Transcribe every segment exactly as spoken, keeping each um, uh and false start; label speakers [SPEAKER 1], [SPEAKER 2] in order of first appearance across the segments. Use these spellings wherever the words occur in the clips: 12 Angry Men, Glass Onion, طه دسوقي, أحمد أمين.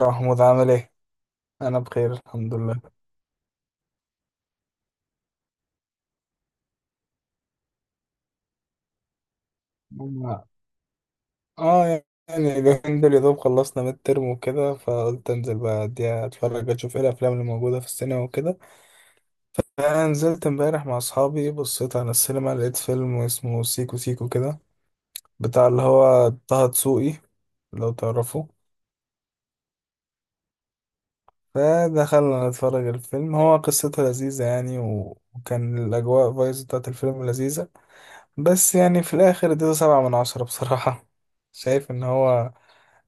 [SPEAKER 1] محمود عامل ايه؟ انا بخير الحمد لله. أنا- اه يعني اليومين دول يا دوب خلصنا ميد ترم وكده، فقلت انزل بقى اديها اتفرج اشوف ايه الافلام اللي موجوده في السينما وكده. فنزلت امبارح مع اصحابي، بصيت على السينما لقيت فيلم اسمه سيكو سيكو كده، بتاع اللي هو طه دسوقي، لو تعرفه. فدخلنا نتفرج الفيلم. هو قصته لذيذة يعني، و- وكان الأجواء فايز بتاعت الفيلم لذيذة. بس يعني في الآخر اديته سبعة من عشرة بصراحة. شايف إن هو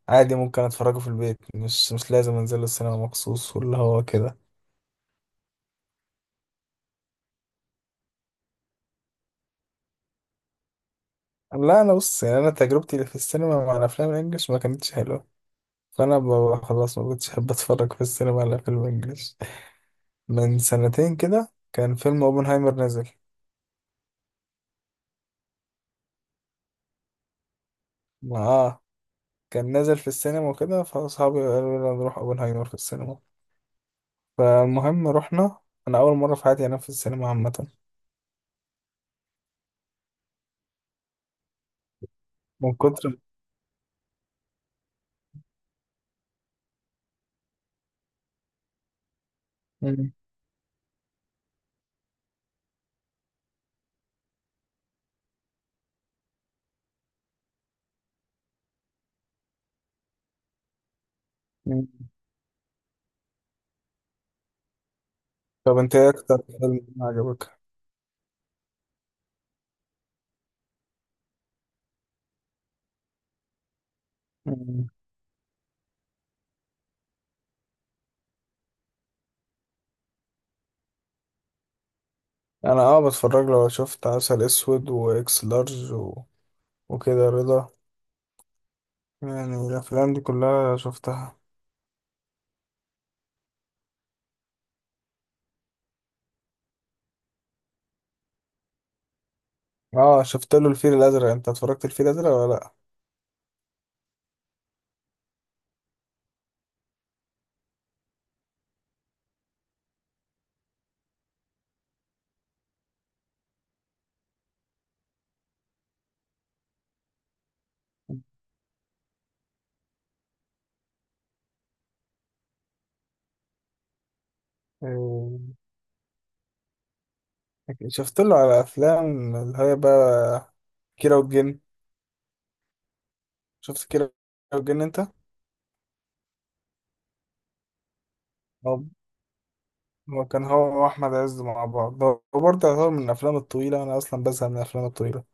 [SPEAKER 1] عادي ممكن اتفرجه في البيت، مش مش لازم انزل السينما مخصوص واللي هو كده. لا انا بص، يعني انا تجربتي اللي في السينما مع الافلام الانجليش ما كانتش حلوه. فانا ب- خلاص ما كنتش احب اتفرج في السينما على فيلم انجليش. من سنتين كده كان فيلم اوبنهايمر نازل. ما- اه كان نازل في السينما وكده، فاصحابي قالوا لي نروح اوبنهايمر في السينما، فالمهم رحنا. انا اول مره في حياتي انام في السينما عامه، من كتر. مم. مم. طب انت ايه اكتر فيلم عجبك؟ انا اه بتفرج له، شفت عسل اسود واكس لارج و... وكده، رضا. يعني الافلام دي كلها شفتها. اه شفت له الفيل الازرق. انت اتفرجت الفيل الازرق ولا لا؟ آه، شفت له على افلام اللي هي بقى كيرة والجن. شفت كيرة والجن انت؟ هو هو كان هو واحمد عز مع بعض. هو برضه يعتبر من الافلام الطويله، انا اصلا بزهق من الافلام الطويله.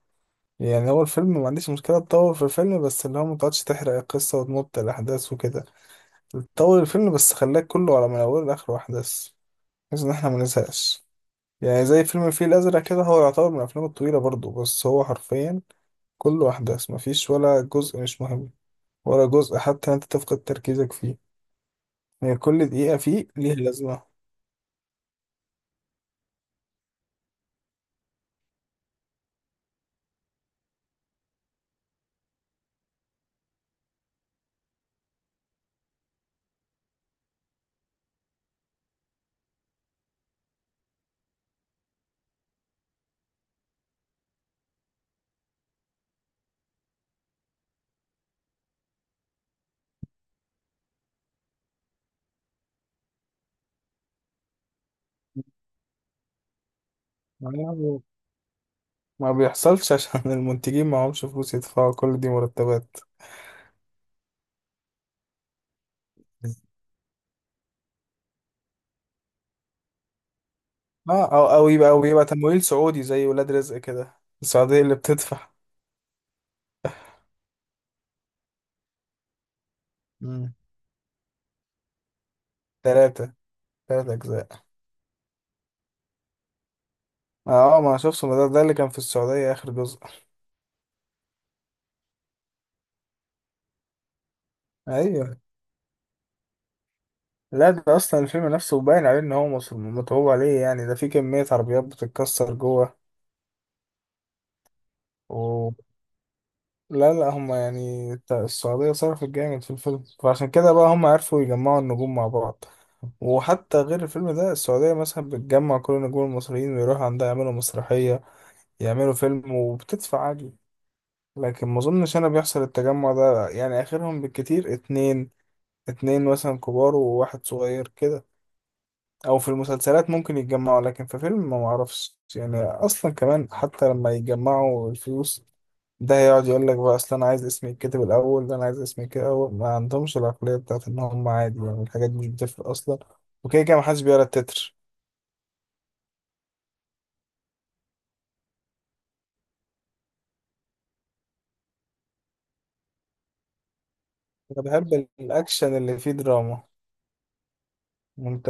[SPEAKER 1] يعني هو الفيلم ما عنديش مشكله تطول في الفيلم، بس اللي هو ما تقعدش تحرق القصه وتمط الاحداث وكده. طول الفيلم بس خلاك كله على من اوله لاخره احداث، بحيث ان احنا ما نزهقش. يعني زي فيلم الفيل الازرق كده، هو يعتبر من الافلام الطويله برضه، بس هو حرفيا كله احداث، مفيش ولا جزء مش مهم، ولا جزء حتى انت تفقد تركيزك فيه. يعني كل دقيقه فيه ليها لازمه. يعني ما بيحصلش عشان المنتجين معهمش فلوس يدفعوا كل دي مرتبات. اه او او يبقى او يبقى تمويل سعودي زي ولاد رزق كده، السعوديه اللي بتدفع. مم. ثلاثة ثلاثة أجزاء. اه ما شفته. ما ده, ده اللي كان في السعودية اخر جزء. ايوه. لا ده اصلا الفيلم نفسه باين عليه ان هو مصر متعوب عليه، يعني ده في كمية عربيات بتتكسر جوه و لا، لا، هم يعني تا- السعودية صرفت جامد في الفيلم، فعشان كده بقى هم عرفوا يجمعوا النجوم مع بعض. وحتى غير الفيلم ده السعودية مثلا بتجمع كل النجوم المصريين ويروحوا عندها يعملوا مسرحية، يعملوا فيلم، وبتدفع عادي. لكن ما اظنش انا بيحصل التجمع ده، يعني اخرهم بالكتير اتنين، اتنين مثلا كبار وواحد صغير كده. او في المسلسلات ممكن يتجمعوا، لكن في فيلم ما معرفش، يعني اصلا كمان حتى لما يجمعوا الفلوس ده هيقعد يقول لك بقى اصل انا عايز اسمي يتكتب الاول، ده انا عايز اسمي كده اول، ما عندهمش العقليه بتاعت ان هم عادي، يعني الحاجات دي مش بتفرق اصلا وكده كده محدش بيقرا التتر. انا بحب الاكشن اللي فيه دراما. وانت؟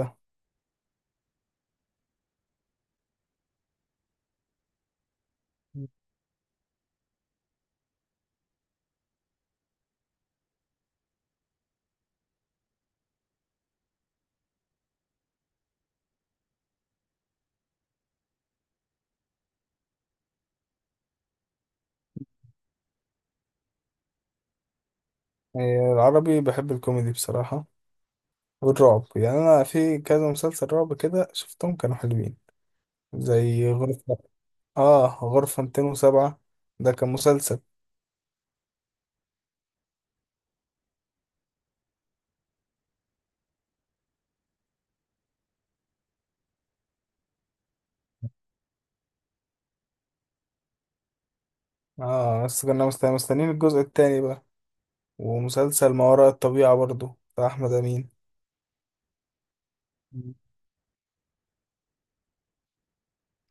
[SPEAKER 1] إيه، العربي بحب الكوميدي بصراحه، والرعب. يعني انا في كذا مسلسل رعب كده شفتهم كانوا حلوين، زي غرفه. اه غرفة مئتان وسبعة ده كان مسلسل. اه بس كنا مست- مستنيين الجزء التاني بقى، ومسلسل ما وراء الطبيعة برضو بتاع أحمد أمين. مم.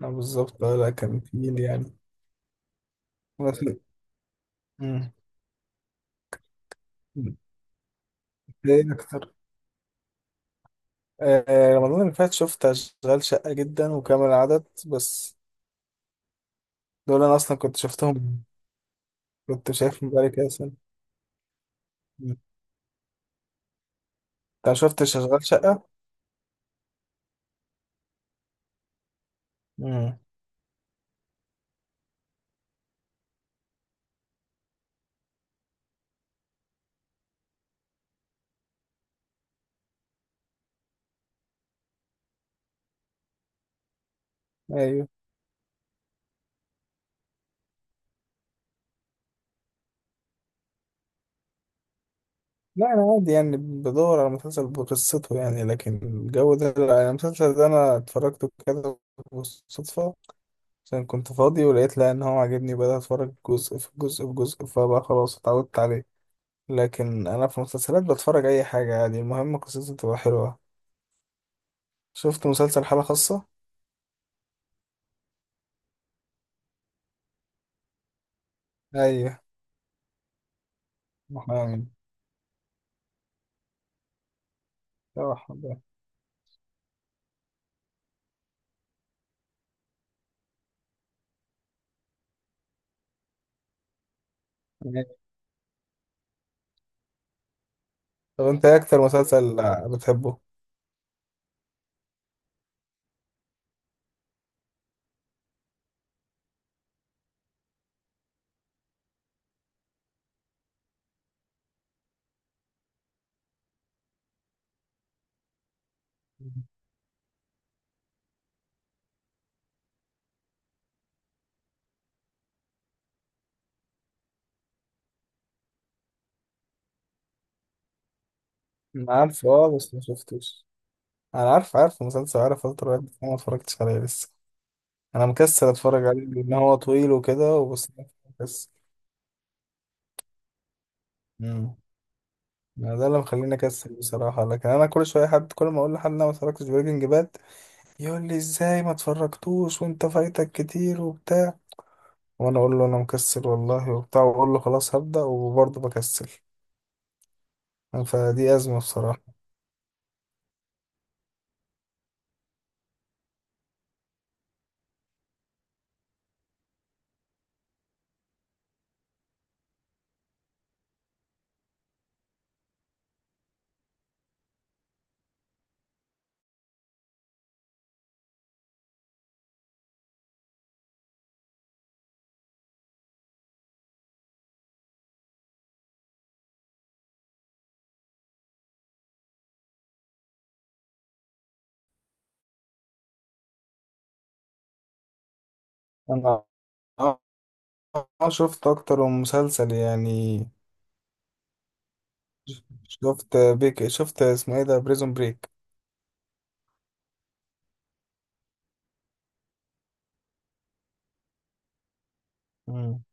[SPEAKER 1] اه بالظبط. اه لا كان تقيل يعني بس. مم. مم. ايه اكتر؟ آه آه، رمضان اللي فات شفت اشغال شقة جدا وكامل العدد بس. دول انا اصلا كنت شفتهم، كنت شايفهم بقالي كده سنة. مم. انت ما شفتش اشغال شقة؟ مم. ايوه. لا انا عادي، يعني بدور على مسلسل بقصته يعني، لكن الجو ده لا. يعني المسلسل ده انا اتفرجته كده بالصدفة، عشان كنت فاضي ولقيت، لا ان هو عاجبني بدأت اتفرج جزء في جزء في جزء، فبقى خلاص اتعودت عليه. لكن انا في مسلسلات بتفرج اي حاجة عادي، المهم قصته تبقى حلوة. شفت مسلسل حالة خاصة. ايوه محامي. طب طب انت ايه اكتر مسلسل بتحبه؟ انا عارفه، اه بس ما شفتوش. انا عارف، عارف مسلسل، عارف فترة، بس أنا ما اتفرجتش عليه لسه. انا مكسل اتفرج عليه لان هو طويل وكده، وبس. مكسل. مم. ما ده اللي مخليني اكسل بصراحه. لكن انا كل شويه حد، كل ما اقول لحد انا ما اتفرجتش بريكنج باد يقول لي ازاي ما اتفرجتوش وانت فايتك كتير وبتاع، وانا اقول له انا مكسل والله وبتاع، واقول له خلاص هبدا، وبرضه بكسل. فدي ازمه بصراحه. انا اه آه شفت اكتر من مسلسل يعني. شفت بيك، شفت اسمه ايه ده بريزون بريك. مم.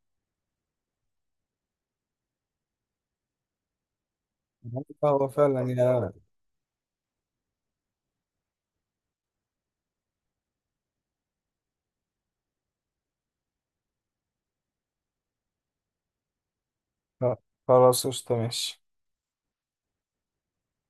[SPEAKER 1] هو فعلا يا. خلاص قشطة ماشي.